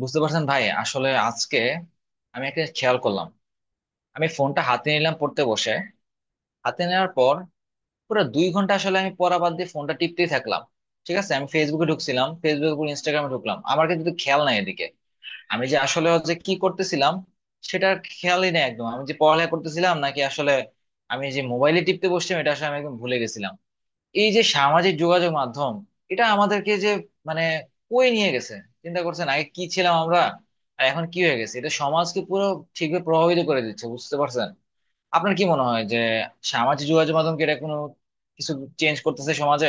বুঝতে পারছেন ভাই। আসলে আজকে আমি একটা খেয়াল করলাম। আমি ফোনটা হাতে নিলাম পড়তে বসে। হাতে নেওয়ার পর পুরো 2 ঘন্টা আসলে আমি পড়া বাদ দিয়ে ফোনটা টিপতেই থাকলাম। ঠিক আছে, আমি ফেসবুকে ঢুকছিলাম, ফেসবুকের উপর ইনস্টাগ্রামে ঢুকলাম। আমার কিন্তু খেয়াল নাই এদিকে। আমি যে আসলে যে কি করতেছিলাম সেটা খেয়ালই নেই একদম। আমি যে পড়ালেখা করতেছিলাম নাকি আসলে আমি যে মোবাইলে টিপতে বসছিলাম এটা আসলে আমি একদম ভুলে গেছিলাম। এই যে সামাজিক যোগাযোগ মাধ্যম, এটা আমাদেরকে যে মানে কই নিয়ে গেছে! চিন্তা করছেন আগে কি ছিলাম আমরা আর এখন কি হয়ে গেছে? এটা সমাজকে পুরো ঠিকভাবে প্রভাবিত করে দিচ্ছে, বুঝতে পারছেন? আপনার কি মনে হয় যে সামাজিক যোগাযোগ মাধ্যম কি এটা কোনো কিছু চেঞ্জ করতেছে সমাজে?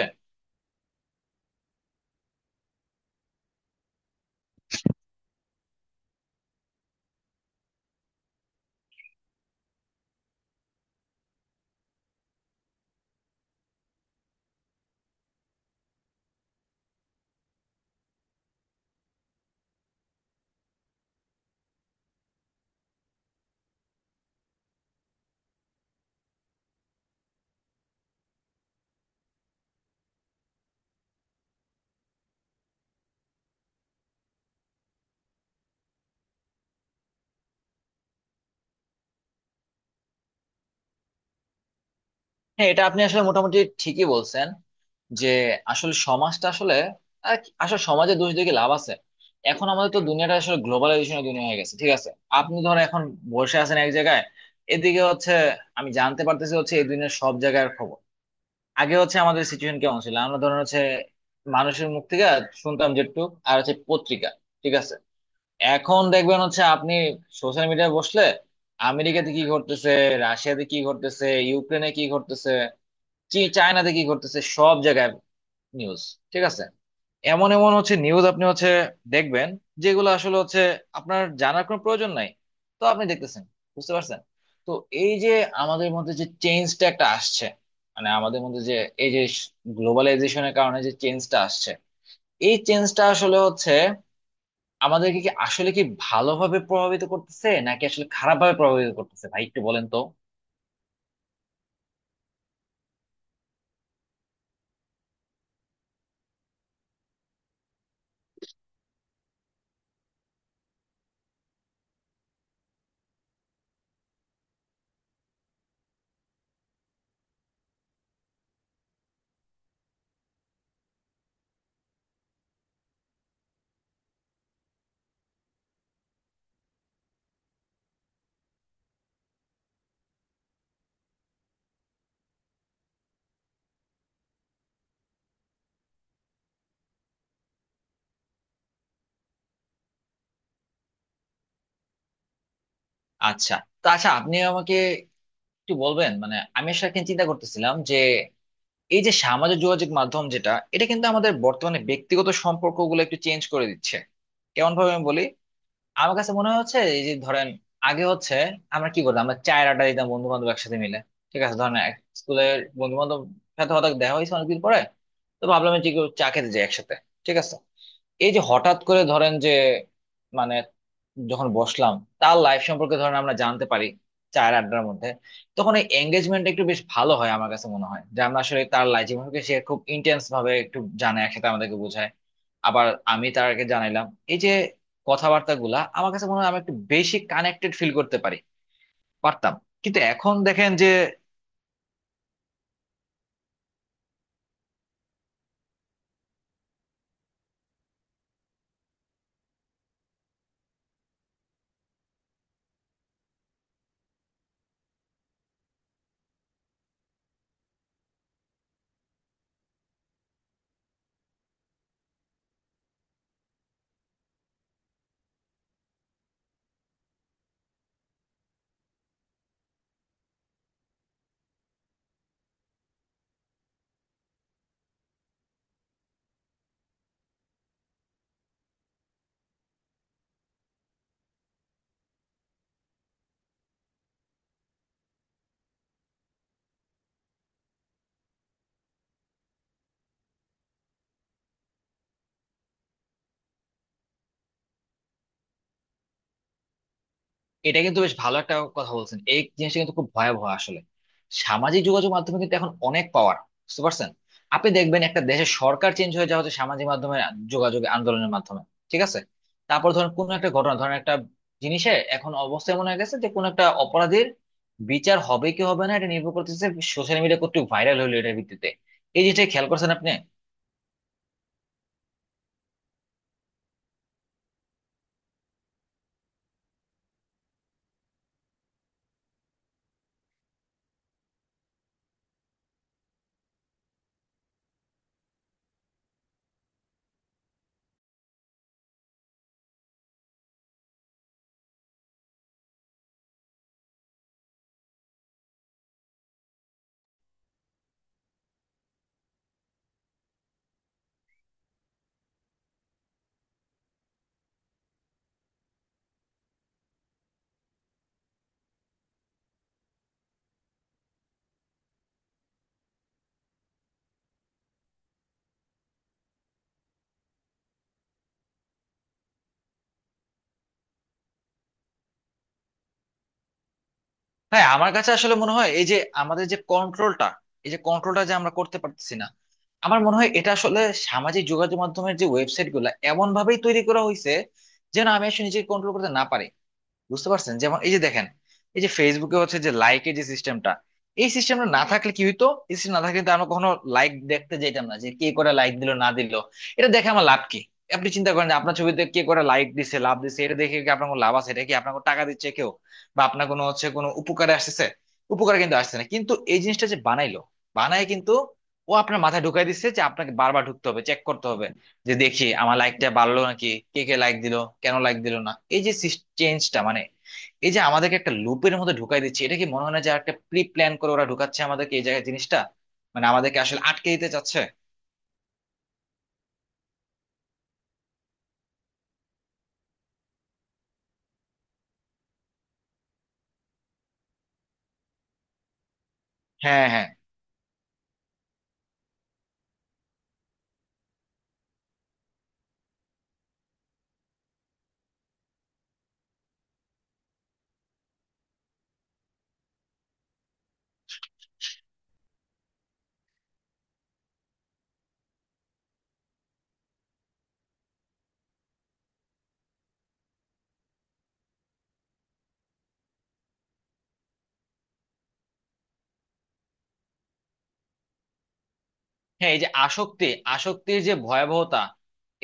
হ্যাঁ, এটা আপনি আসলে মোটামুটি ঠিকই বলছেন। যে আসলে সমাজটা আসলে আসলে সমাজে দোষ দিয়ে কি লাভ আছে? এখন আমাদের তো দুনিয়াটা আসলে গ্লোবালাইজেশনের দুনিয়া হয়ে গেছে। ঠিক আছে, আপনি ধরো এখন বসে আছেন এক জায়গায়, এদিকে হচ্ছে আমি জানতে পারতেছি হচ্ছে এই দুনিয়ার সব জায়গার খবর। আগে হচ্ছে আমাদের সিচুয়েশন কেমন ছিল, আমরা ধরেন হচ্ছে মানুষের মুখ থেকে শুনতাম যেটুক, আর হচ্ছে পত্রিকা। ঠিক আছে, এখন দেখবেন হচ্ছে আপনি সোশ্যাল মিডিয়ায় বসলে আমেরিকাতে কি ঘটতেছে, রাশিয়াতে কি ঘটতেছে, ইউক্রেনে কি ঘটতেছে, চায়নাতে কি ঘটতেছে, সব জায়গায় নিউজ। ঠিক আছে, এমন এমন হচ্ছে নিউজ আপনি হচ্ছে দেখবেন, যেগুলো আসলে হচ্ছে আপনার জানার কোনো প্রয়োজন নাই। তো আপনি দেখতেছেন, বুঝতে পারছেন। তো এই যে আমাদের মধ্যে যে চেঞ্জটা একটা আসছে, মানে আমাদের মধ্যে যে এই যে গ্লোবালাইজেশনের কারণে যে চেঞ্জটা আসছে, এই চেঞ্জটা আসলে হচ্ছে আমাদেরকে কি আসলে কি ভালোভাবে প্রভাবিত করতেছে নাকি আসলে খারাপভাবে প্রভাবিত করতেছে ভাই একটু বলেন তো। আচ্ছা। তো আচ্ছা আপনি আমাকে একটু বলবেন, মানে আমি আসলে একটা চিন্তা করতেছিলাম যে এই যে সামাজিক যোগাযোগ মাধ্যম যেটা, এটা কিন্তু আমাদের বর্তমানে ব্যক্তিগত সম্পর্কগুলো একটু চেঞ্জ করে দিচ্ছে। কেমন ভাবে আমি বলি। আমার কাছে মনে হচ্ছে এই যে ধরেন আগে হচ্ছে আমরা কি করতাম, আমরা চায়ের আড্ডা দিতাম বন্ধু বান্ধব একসাথে মিলে। ঠিক আছে, ধরেন এক স্কুলের বন্ধু বান্ধব সাথে হঠাৎ দেখা হয়েছে অনেকদিন পরে, তো ভাবলাম যে কেউ চা খেতে যাই একসাথে। ঠিক আছে, এই যে হঠাৎ করে ধরেন যে মানে যখন বসলাম, তার লাইফ সম্পর্কে ধরেন আমরা জানতে পারি চায়ের আড্ডার মধ্যে, তখন এই এঙ্গেজমেন্টটা একটু বেশ ভালো হয়। আমার কাছে মনে হয় যে আমরা আসলে তার লাইফ জীবনকে সে খুব ইন্টেন্স ভাবে একটু জানে, একসাথে আমাদেরকে বোঝায়। আবার আমি তারকে জানাইলাম। এই যে কথাবার্তা গুলা, আমার কাছে মনে হয় আমি একটু বেশি কানেক্টেড ফিল করতে পারি, পারতাম। কিন্তু এখন দেখেন যে এটা কিন্তু বেশ ভালো একটা কথা বলছেন। এই জিনিসটা কিন্তু খুব ভয়াবহ আসলে। সামাজিক যোগাযোগ মাধ্যমে কিন্তু এখন অনেক পাওয়ার, বুঝতে পারছেন? আপনি দেখবেন একটা দেশের সরকার চেঞ্জ হয়ে যাওয়া হচ্ছে সামাজিক মাধ্যমে যোগাযোগ আন্দোলনের মাধ্যমে। ঠিক আছে, তারপর ধরেন কোন একটা ঘটনা, ধরেন একটা জিনিসে এখন অবস্থা এমন হয়ে গেছে যে কোন একটা অপরাধীর বিচার হবে কি হবে না এটা নির্ভর করতেছে সোশ্যাল মিডিয়া কর্তৃক ভাইরাল হলো এটার ভিত্তিতে। এই জিনিসটা খেয়াল করছেন আপনি? হ্যাঁ, আমার কাছে আসলে মনে হয় এই যে আমাদের যে কন্ট্রোলটা, এই যে কন্ট্রোলটা যে আমরা করতে পারতেছি না, আমার মনে হয় এটা আসলে সামাজিক যোগাযোগ মাধ্যমের যে ওয়েবসাইট গুলা এমন ভাবেই তৈরি করা হয়েছে যেন আমি আসলে নিজেকে কন্ট্রোল করতে না পারি। বুঝতে পারছেন? যেমন এই যে দেখেন, এই যে ফেসবুকে হচ্ছে যে লাইকের যে সিস্টেমটা, এই সিস্টেমটা না থাকলে কি হইতো, এই সিস্টেম না থাকলে কিন্তু আমরা কখনো লাইক দেখতে যেতাম না যে কে করে লাইক দিল না দিল। এটা দেখে আমার লাভ কি? আপনি চিন্তা করেন যে আপনার ছবিতে কে করে লাইক দিছে লাভ দিছে এটা দেখে কি আপনার কোনো লাভ আছে? এটা কি আপনার কোনো টাকা দিচ্ছে কেউ? বা আপনার কোনো হচ্ছে কোনো উপকারে আসতেছে? উপকারে কিন্তু আসছে না। কিন্তু এই জিনিসটা যে বানাইলো, বানায় কিন্তু ও আপনার মাথায় ঢুকাই দিচ্ছে যে আপনাকে বারবার ঢুকতে হবে চেক করতে হবে, যে দেখি আমার লাইকটা বাড়লো নাকি, কে কে লাইক দিল, কেন লাইক দিল না। এই যে চেঞ্জটা মানে এই যে আমাদেরকে একটা লুপের মধ্যে ঢুকাই দিচ্ছে। এটা কি মনে হয় না যে একটা প্রি প্ল্যান করে ওরা ঢুকাচ্ছে আমাদেরকে এই জায়গায় জিনিসটা, মানে আমাদেরকে আসলে আটকে দিতে চাচ্ছে? হ্যাঁ, হ্যাঁ, হ্যাঁ। এই যে আসক্তি, আসক্তির যে ভয়াবহতা,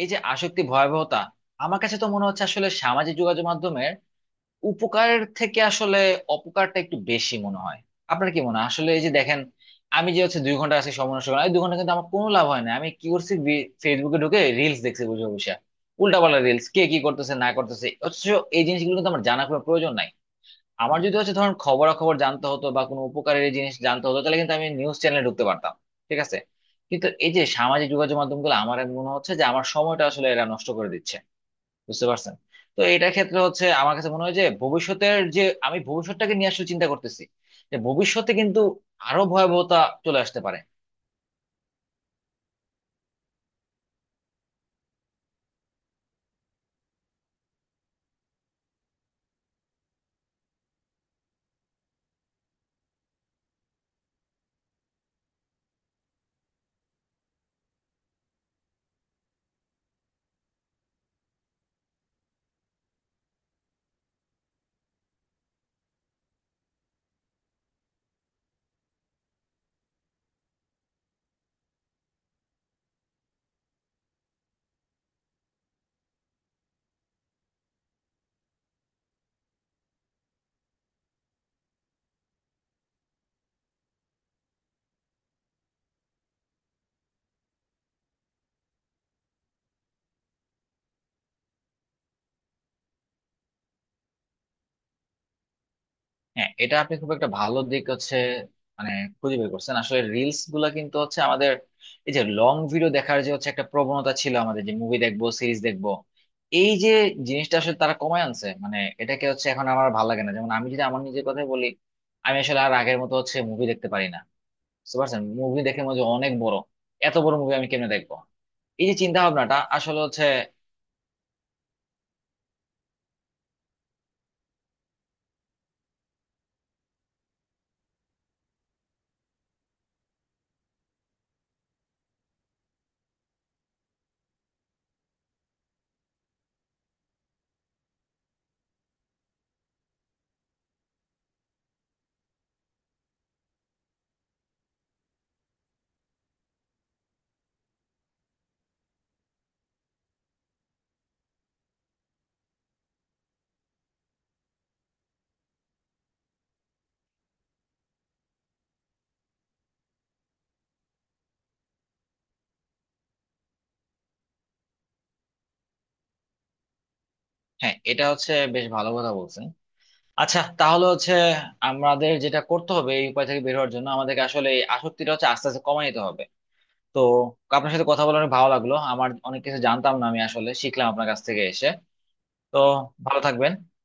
এই যে আসক্তি ভয়াবহতা, আমার কাছে তো মনে হচ্ছে আসলে সামাজিক যোগাযোগ মাধ্যমে উপকার থেকে আসলে অপকারটা একটু বেশি মনে হয়। আপনার কি মনে হয় আসলে? এই যে দেখেন, আমি যে হচ্ছে 2 ঘন্টা আজকে সময় নষ্ট করলাম, এই 2 ঘন্টা কিন্তু আমার কোনো লাভ হয় না। আমি কি করছি, ফেসবুকে ঢুকে রিলস দেখছি বুঝে বসে, উল্টাপাল্টা রিলস কে কি করতেছে না করতেছে, অথচ এই জিনিসগুলো কিন্তু আমার জানা কোনো প্রয়োজন নাই। আমার যদি হচ্ছে ধরেন খবরাখবর জানতে হতো বা কোনো উপকারের এই জিনিস জানতে হতো, তাহলে কিন্তু আমি নিউজ চ্যানেলে ঢুকতে পারতাম। ঠিক আছে, কিন্তু এই যে সামাজিক যোগাযোগ মাধ্যমগুলো আমার মনে হচ্ছে যে আমার সময়টা আসলে এরা নষ্ট করে দিচ্ছে, বুঝতে পারছেন? তো এটার ক্ষেত্রে হচ্ছে আমার কাছে মনে হয় যে ভবিষ্যতের যে, আমি ভবিষ্যৎটাকে নিয়ে আসলে চিন্তা করতেছি, যে ভবিষ্যতে কিন্তু আরো ভয়াবহতা চলে আসতে পারে। হ্যাঁ, এটা আপনি খুব একটা ভালো দিক হচ্ছে মানে খুঁজে বের করছেন। আসলে রিলস গুলা কিন্তু হচ্ছে আমাদের এই যে লং ভিডিও দেখার যে হচ্ছে একটা প্রবণতা ছিল, আমাদের যে মুভি দেখবো সিরিজ দেখবো, এই যে জিনিসটা আসলে তারা কমায় আনছে মানে এটাকে হচ্ছে। এখন আমার ভালো লাগে না, যেমন আমি যদি আমার নিজের কথাই বলি, আমি আসলে আর আগের মতো হচ্ছে মুভি দেখতে পারি না। বুঝতে পারছেন? মুভি দেখে মনে হয় যে অনেক বড়, এত বড় মুভি আমি কেমনে দেখবো, এই যে চিন্তা ভাবনাটা আসলে হচ্ছে। হ্যাঁ, এটা হচ্ছে বেশ ভালো কথা বলছেন। আচ্ছা, তাহলে হচ্ছে আমাদের যেটা করতে হবে এই উপায় থেকে বের হওয়ার জন্য, আমাদেরকে আসলে এই আসক্তিটা হচ্ছে আস্তে আস্তে কমাই নিতে হবে। তো আপনার সাথে কথা বলে অনেক ভালো লাগলো, আমার অনেক কিছু জানতাম না, আমি আসলে শিখলাম আপনার কাছ থেকে এসে। তো ভালো থাকবেন।